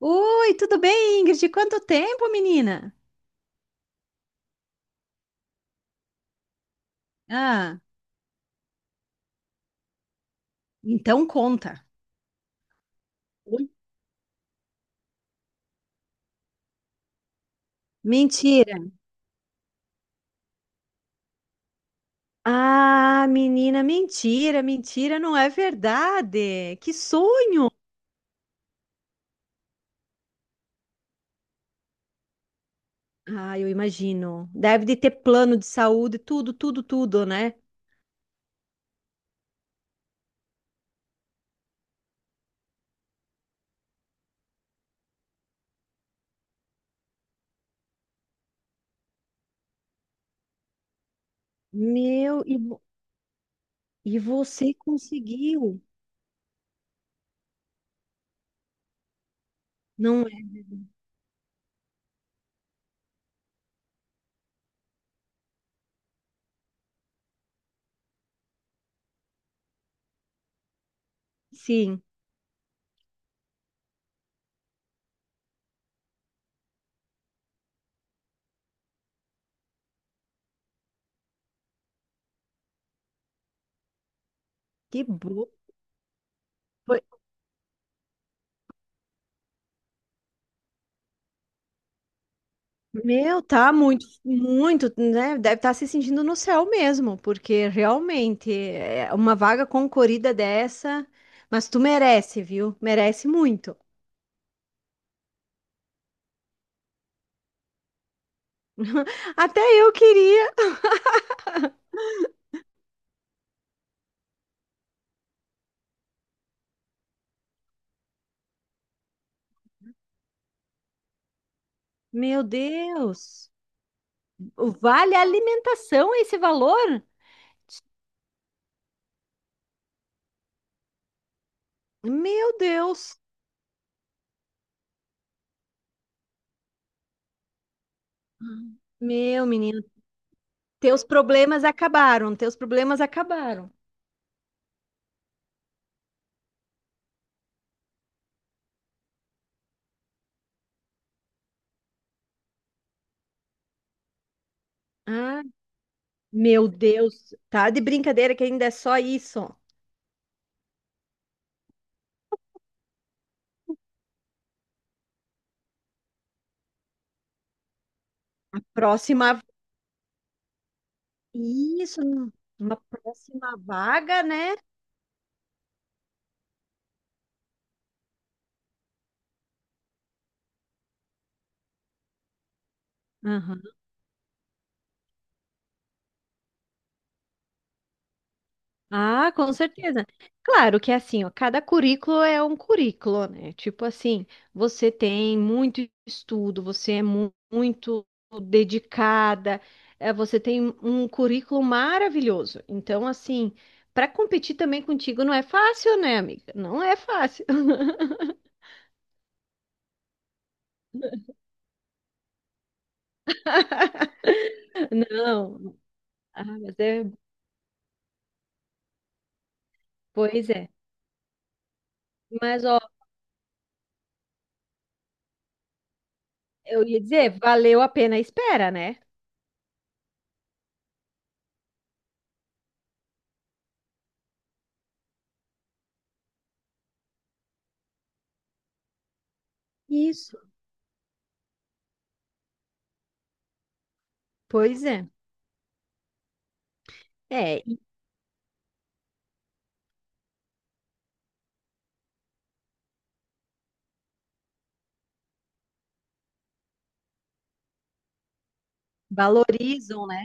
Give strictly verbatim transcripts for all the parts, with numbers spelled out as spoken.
Oi, tudo bem, Ingrid? Quanto tempo, menina? Ah, então conta. Oi? Mentira. Ah, menina, mentira, mentira, não é verdade. Que sonho! Ah, eu imagino. Deve de ter plano de saúde, tudo, tudo, tudo, né? Meu, e, vo- e você conseguiu, não é? Sim, que bom. Meu, tá muito, muito, né? Deve estar se sentindo no céu mesmo, porque realmente é uma vaga concorrida dessa, mas tu merece, viu? Merece muito. Até eu queria. Meu Deus. O vale a alimentação é esse valor? Meu Deus. Meu menino, teus problemas acabaram, teus problemas acabaram. Ah, meu Deus, tá de brincadeira que ainda é só isso. Próxima. Isso, num- uma próxima vaga, né? Aham. Ah, com certeza. Claro que é assim, ó, cada currículo é um currículo, né? Tipo assim, você tem muito estudo, você é mu- muito dedicada, eh, você tem um currículo maravilhoso. Então, assim, para competir também contigo não é fácil, né, amiga? Não é fácil. Não. Ah, mas é, pois é. Mas ó, eu ia dizer, valeu a pena a espera, né? Isso. Pois é. É, e valorizam, né?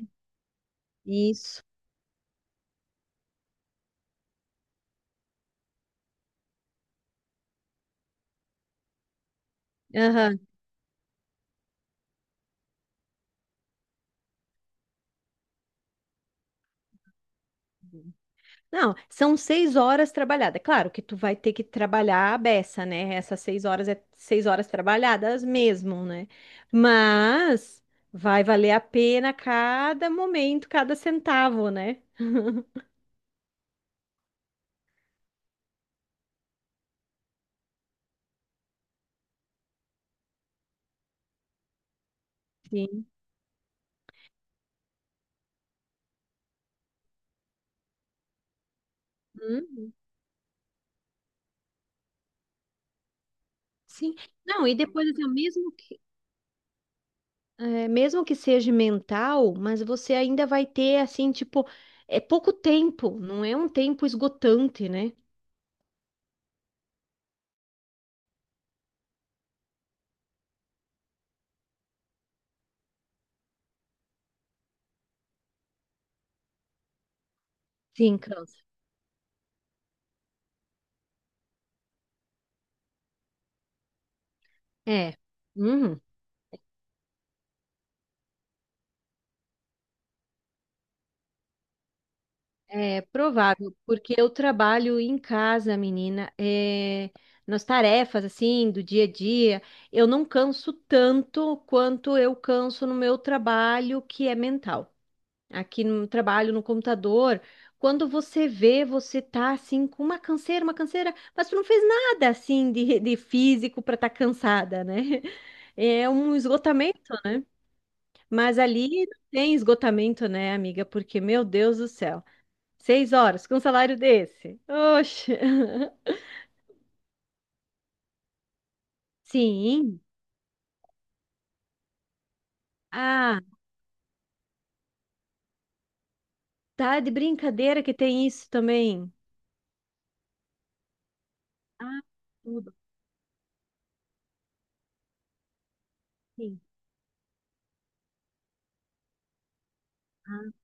Isso. Aham. Não, são seis horas trabalhadas. Claro que tu vai ter que trabalhar a beça, né? Essas seis horas é seis horas trabalhadas mesmo, né? Mas vai valer a pena cada momento, cada centavo, né? Sim. Uhum. Sim. Não, e depois, assim, ó, mesmo que, é, mesmo que seja mental, mas você ainda vai ter, assim, tipo, é pouco tempo, não é um tempo esgotante, né? Sim, câncer. É. Uhum. É provável, porque eu trabalho em casa, menina, é, nas tarefas, assim, do dia a dia, eu não canso tanto quanto eu canso no meu trabalho, que é mental. Aqui no trabalho, no computador, quando você vê, você tá, assim, com uma canseira, uma canseira, mas tu não fez nada, assim, de, de físico para estar tá cansada, né? É um esgotamento, né? Mas ali não tem esgotamento, né, amiga? Porque, meu Deus do céu, seis horas com um salário desse. Oxe. Sim. Ah, tá de brincadeira que tem isso também. Ah, tudo. Sim. Ah.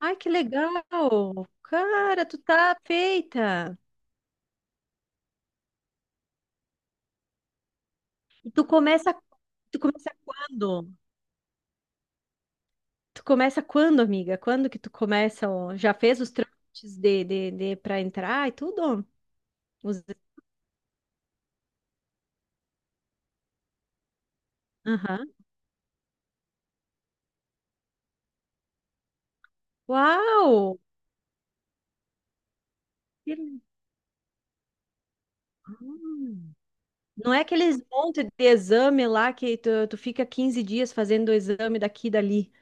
Ai, que legal. Cara, tu tá feita. E tu começa, tu começa quando? Tu começa quando, amiga? Quando que tu começa? Ó? Já fez os trâmites de, de, de para entrar e tudo? Os. Aham. Uau! Hum. Não é aqueles monte de exame lá que tu, tu fica quinze dias fazendo o exame daqui e dali.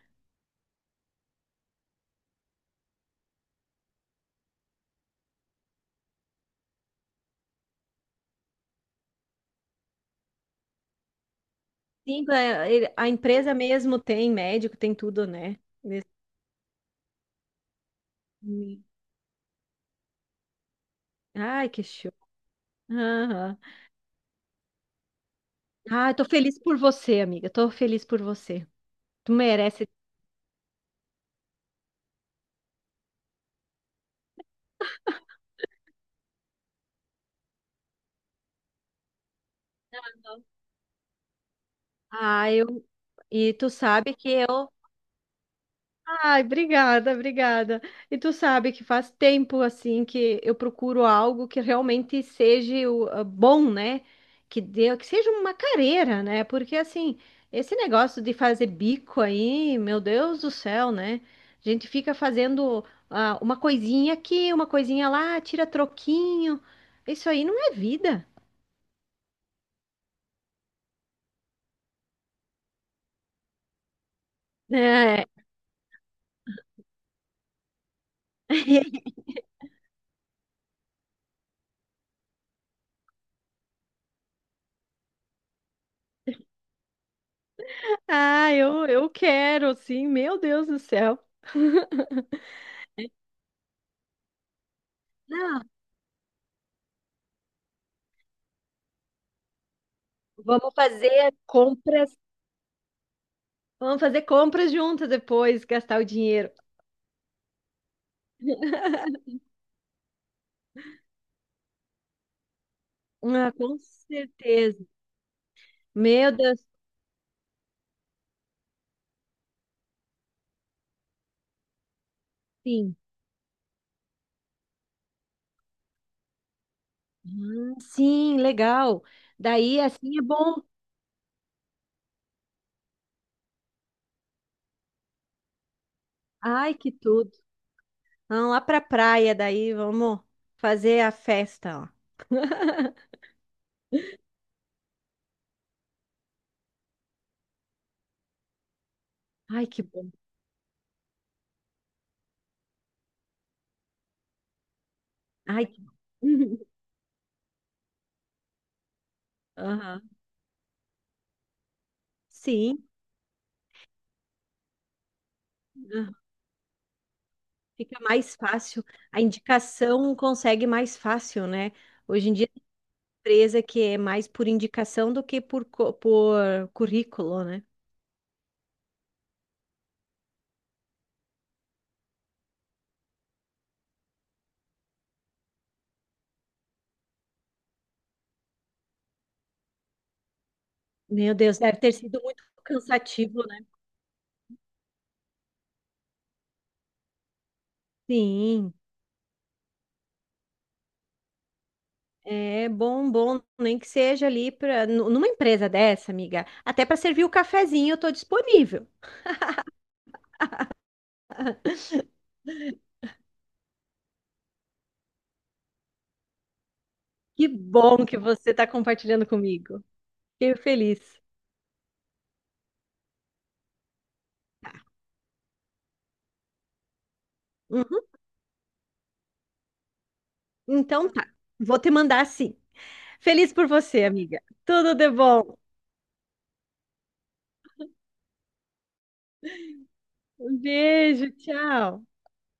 Sim, a, ele- a empresa mesmo tem médico, tem tudo, né? Sim. Ai, que show. Aham. Ah, eu tô feliz por você, amiga. Tô feliz por você. Tu merece. Ah, eu. E tu sabe que eu. Ai, obrigada, obrigada. E tu sabe que faz tempo assim que eu procuro algo que realmente seja o- ah, bom, né? Que dê, que seja uma carreira, né? Porque assim, esse negócio de fazer bico aí, meu Deus do céu, né? A gente fica fazendo ah, uma coisinha aqui, uma coisinha lá, tira troquinho. Isso aí não é vida, né? Ah, eu, eu quero, sim, meu Deus do céu. Não, vamos fazer compras Vamos fazer compras juntas depois, gastar o dinheiro. Ah, com certeza. Meu Deus, sim. Hum, sim, legal. Daí assim é bom. Ai, que tudo. Vamos lá pra praia, daí vamos fazer a festa, ó. Ai, que bom. Ai, que bom. Aham. Sim, ah, fica mais fácil. A indicação consegue mais fácil, né? Hoje em dia tem empresa que é mais por, indicação do que por, co- por currículo, né? Meu Deus, deve ter sido muito cansativo, né? Sim, é bom, bom, nem que seja ali para numa empresa dessa, amiga. Até para servir o cafezinho, eu tô disponível. Que bom que você está compartilhando comigo. Fiquei feliz. Uhum. Então tá, vou te mandar sim. Feliz por você, amiga. Tudo de bom. Um beijo, tchau.